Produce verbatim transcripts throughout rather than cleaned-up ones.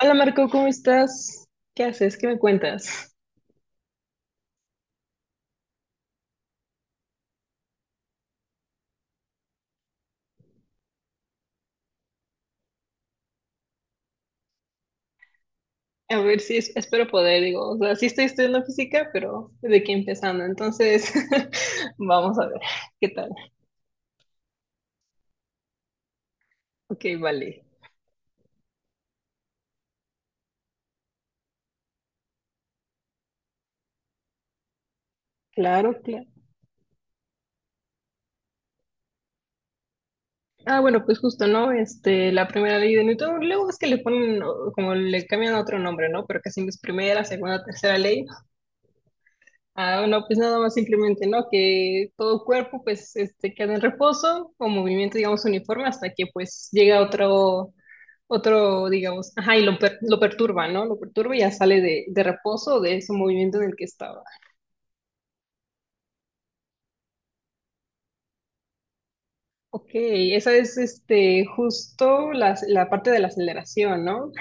Hola Marco, ¿cómo estás? ¿Qué haces? ¿Qué me cuentas? A ver si es- espero poder, digo, o sea, sí estoy estudiando física, pero de aquí empezando, entonces vamos a ver qué tal. Ok, vale. Claro, claro. Ah, bueno, pues justo, ¿no? Este, la primera ley de Newton, luego es que le ponen, o- como le cambian otro nombre, ¿no? Pero que siempre es primera, segunda, tercera ley. Ah, no, pues nada más simplemente, ¿no? Que todo cuerpo, pues, este, queda en reposo o movimiento, digamos, uniforme hasta que, pues, llega otro, otro, digamos, ajá, y lo, per- lo perturba, ¿no? Lo perturba y ya sale de, de reposo de ese movimiento en el que estaba. Ok, esa es, este, justo la, la parte de la aceleración, ¿no?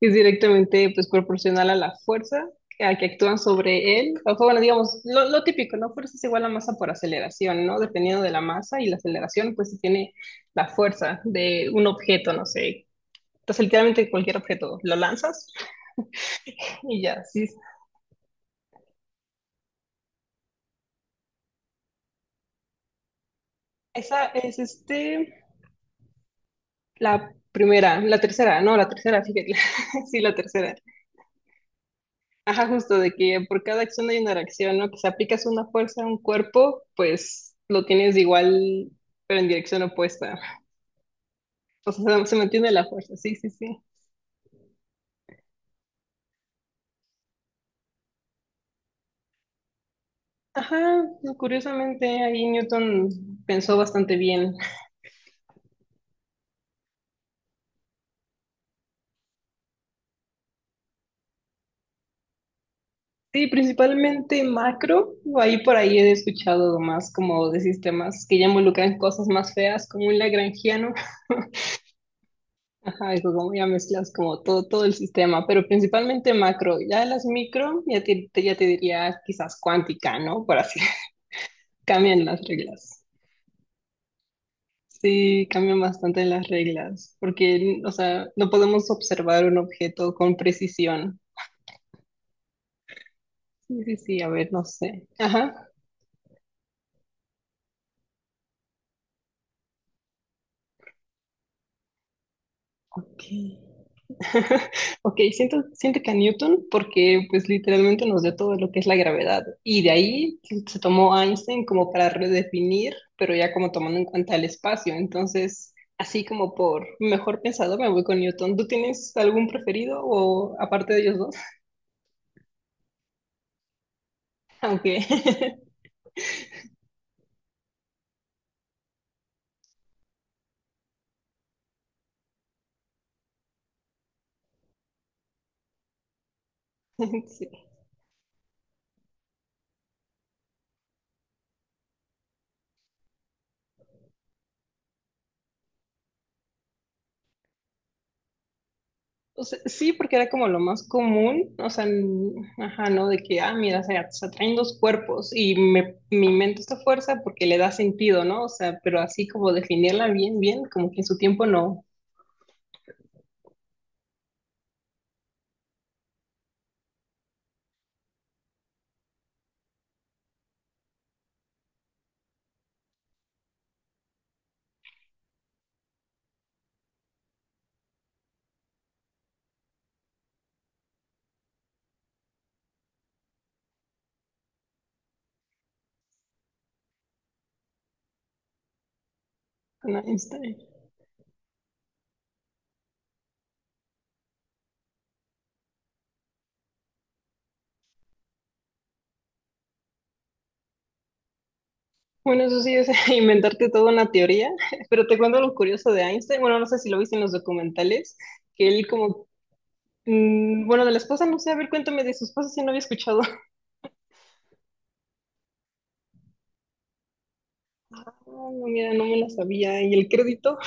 Es directamente pues proporcional a la fuerza que, a que actúan sobre él. Ojo, bueno, digamos, lo, lo típico, ¿no? Fuerza es igual a masa por aceleración, ¿no? Dependiendo de la masa y la aceleración, pues se tiene la fuerza de un objeto, no sé. Entonces, literalmente cualquier objeto lo lanzas y ya. Sí. Esa es este, la primera, la tercera, no, la tercera, fíjate. Sí, la tercera. Ajá, justo de que por cada acción hay una reacción, ¿no? Que si aplicas una fuerza a un cuerpo, pues lo tienes igual, pero en dirección opuesta. O sea, se se mantiene la fuerza, sí, sí, sí. Ajá, no, curiosamente ahí Newton pensó bastante bien. Sí, principalmente macro, ahí por ahí he escuchado más como de sistemas que ya involucran cosas más feas, como un lagrangiano. Ajá, eso como ya mezclas como todo, todo el sistema, pero principalmente macro. Ya las micro, ya te, te- ya te diría quizás cuántica, ¿no? Por así, cambian las reglas. Sí, cambian bastante las reglas, porque, o sea, no podemos observar un objeto con precisión. Sí, sí, sí, a ver, no sé. Ajá. Ok. Ok, siento, siento que a Newton porque pues literalmente nos dio todo lo que es la gravedad y de ahí se tomó Einstein como para redefinir, pero ya como tomando en cuenta el espacio. Entonces, así como por mejor pensado me voy con Newton. ¿Tú tienes algún preferido o aparte de ellos dos? Aunque sí. O sea, sí, porque era como lo más común, o sea, n- ajá, ¿no? De que, ah, mira, se, se atraen dos cuerpos y me, me invento esta fuerza porque le da sentido, ¿no? O sea, pero así como definirla bien, bien, como que en su tiempo no. No, Einstein. Bueno, eso sí es inventarte toda una teoría, pero te cuento lo curioso de Einstein, bueno, no sé si lo viste en los documentales, que él como, mm, bueno, de la esposa, no sé, a ver, cuéntame de su esposa si no había escuchado. Ah, no, mira, no me la sabía, y el crédito.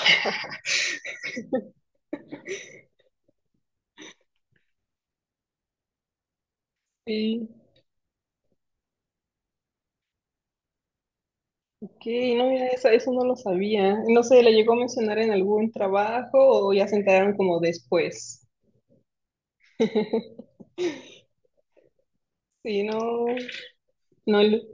Sí. Que no, mira, eso, eso no lo sabía. No sé, ¿le llegó a mencionar en algún trabajo o ya se enteraron como después? Sí, no, no. él-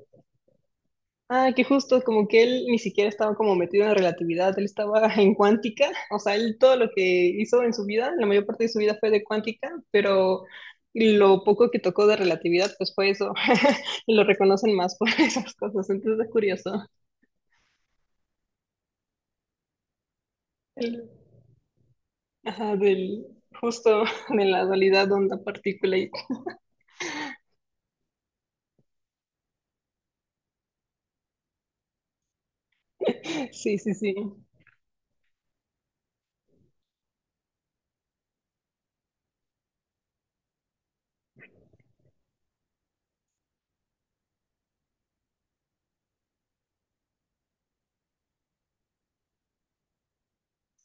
Ah, que justo como que él ni siquiera estaba como metido en relatividad, él estaba en cuántica, o sea, él todo lo que hizo en su vida, la mayor parte de su vida fue de cuántica, pero lo poco que tocó de relatividad, pues fue eso, y lo reconocen más por esas cosas, entonces es curioso. El- ajá, del, justo de la dualidad onda-partícula. Sí, sí, sí,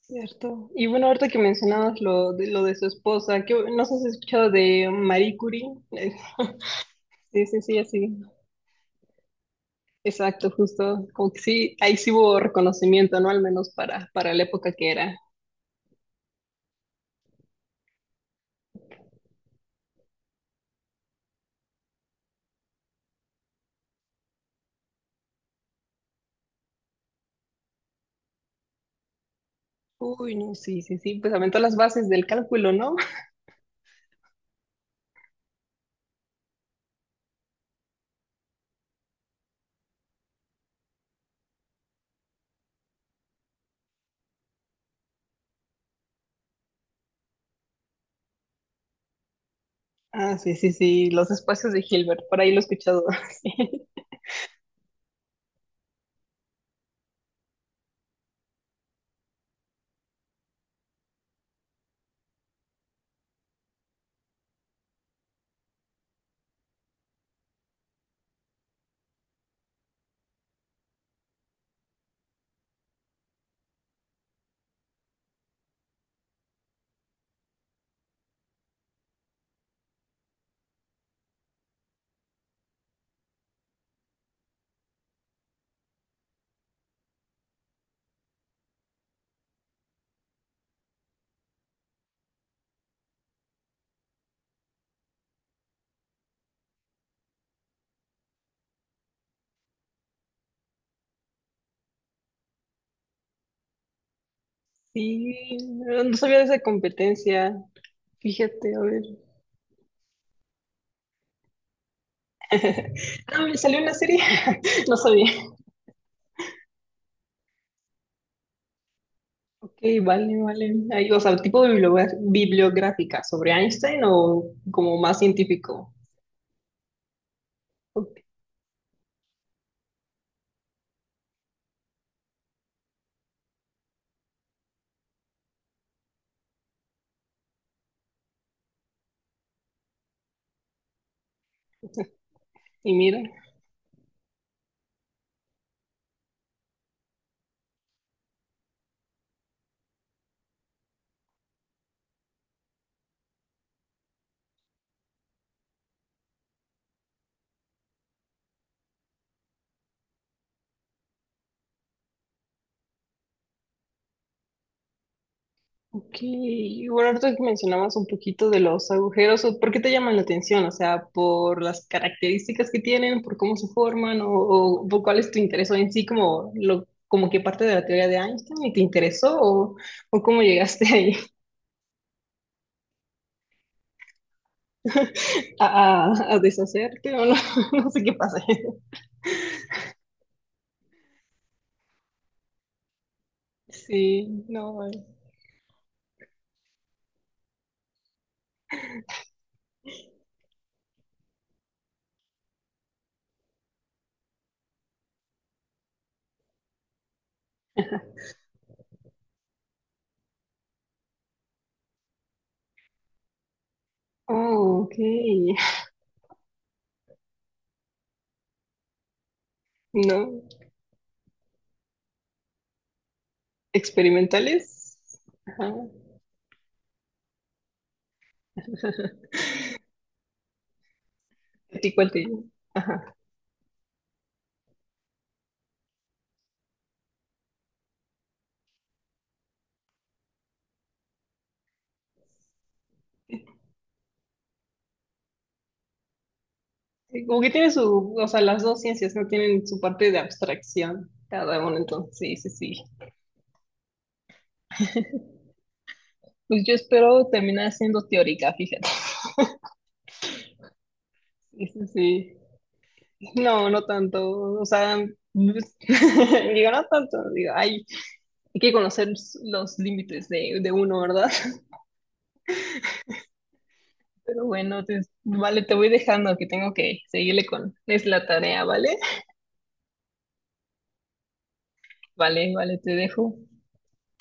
cierto. Y bueno, ahorita que mencionabas lo de, lo de su esposa, que no sé si has escuchado de Marie Curie. Eh, Sí, sí, sí, así. Exacto, justo. Como que sí, ahí sí hubo reconocimiento, ¿no? Al menos para, para la época que era. Uy, no, sí, sí, sí, pues aventó las bases del cálculo, ¿no? Ah, sí, sí, sí, los espacios de Hilbert, por ahí lo he escuchado. Sí, sí, no no sabía de esa competencia. Fíjate, a ver. Ah, me salió una serie, no sabía. Ok, vale, vale. Ahí, o sea, tipo de bibliogra- bibliográfica sobre Einstein o como más científico. Ok, y mira, ok. Y bueno, ahorita que mencionabas un poquito de los agujeros, ¿o ¿por qué te llaman la atención? O sea, por las características que tienen, por cómo se forman, o, o por cuál es tu interés o en sí, como lo, como que parte de la teoría de Einstein y te interesó, o, o cómo llegaste ahí a, a- a deshacerte, o no, no sé qué pasa. Sí, no. Eh. Oh, ok. No, experimentales. Ajá. ¿Y cuál te- ajá? Sí, como que tiene su, o sea, las dos ciencias no tienen su parte de abstracción, cada uno entonces, sí, sí, sí. Pues yo espero terminar siendo teórica, fíjate. Sí, sí, sí. No, no tanto, o sea, digo, no tanto, digo, ay, hay que conocer los límites de, de uno, ¿verdad? Pero bueno, te- vale, te voy dejando que tengo que seguirle con... Es la tarea, ¿vale? Vale, vale, te dejo.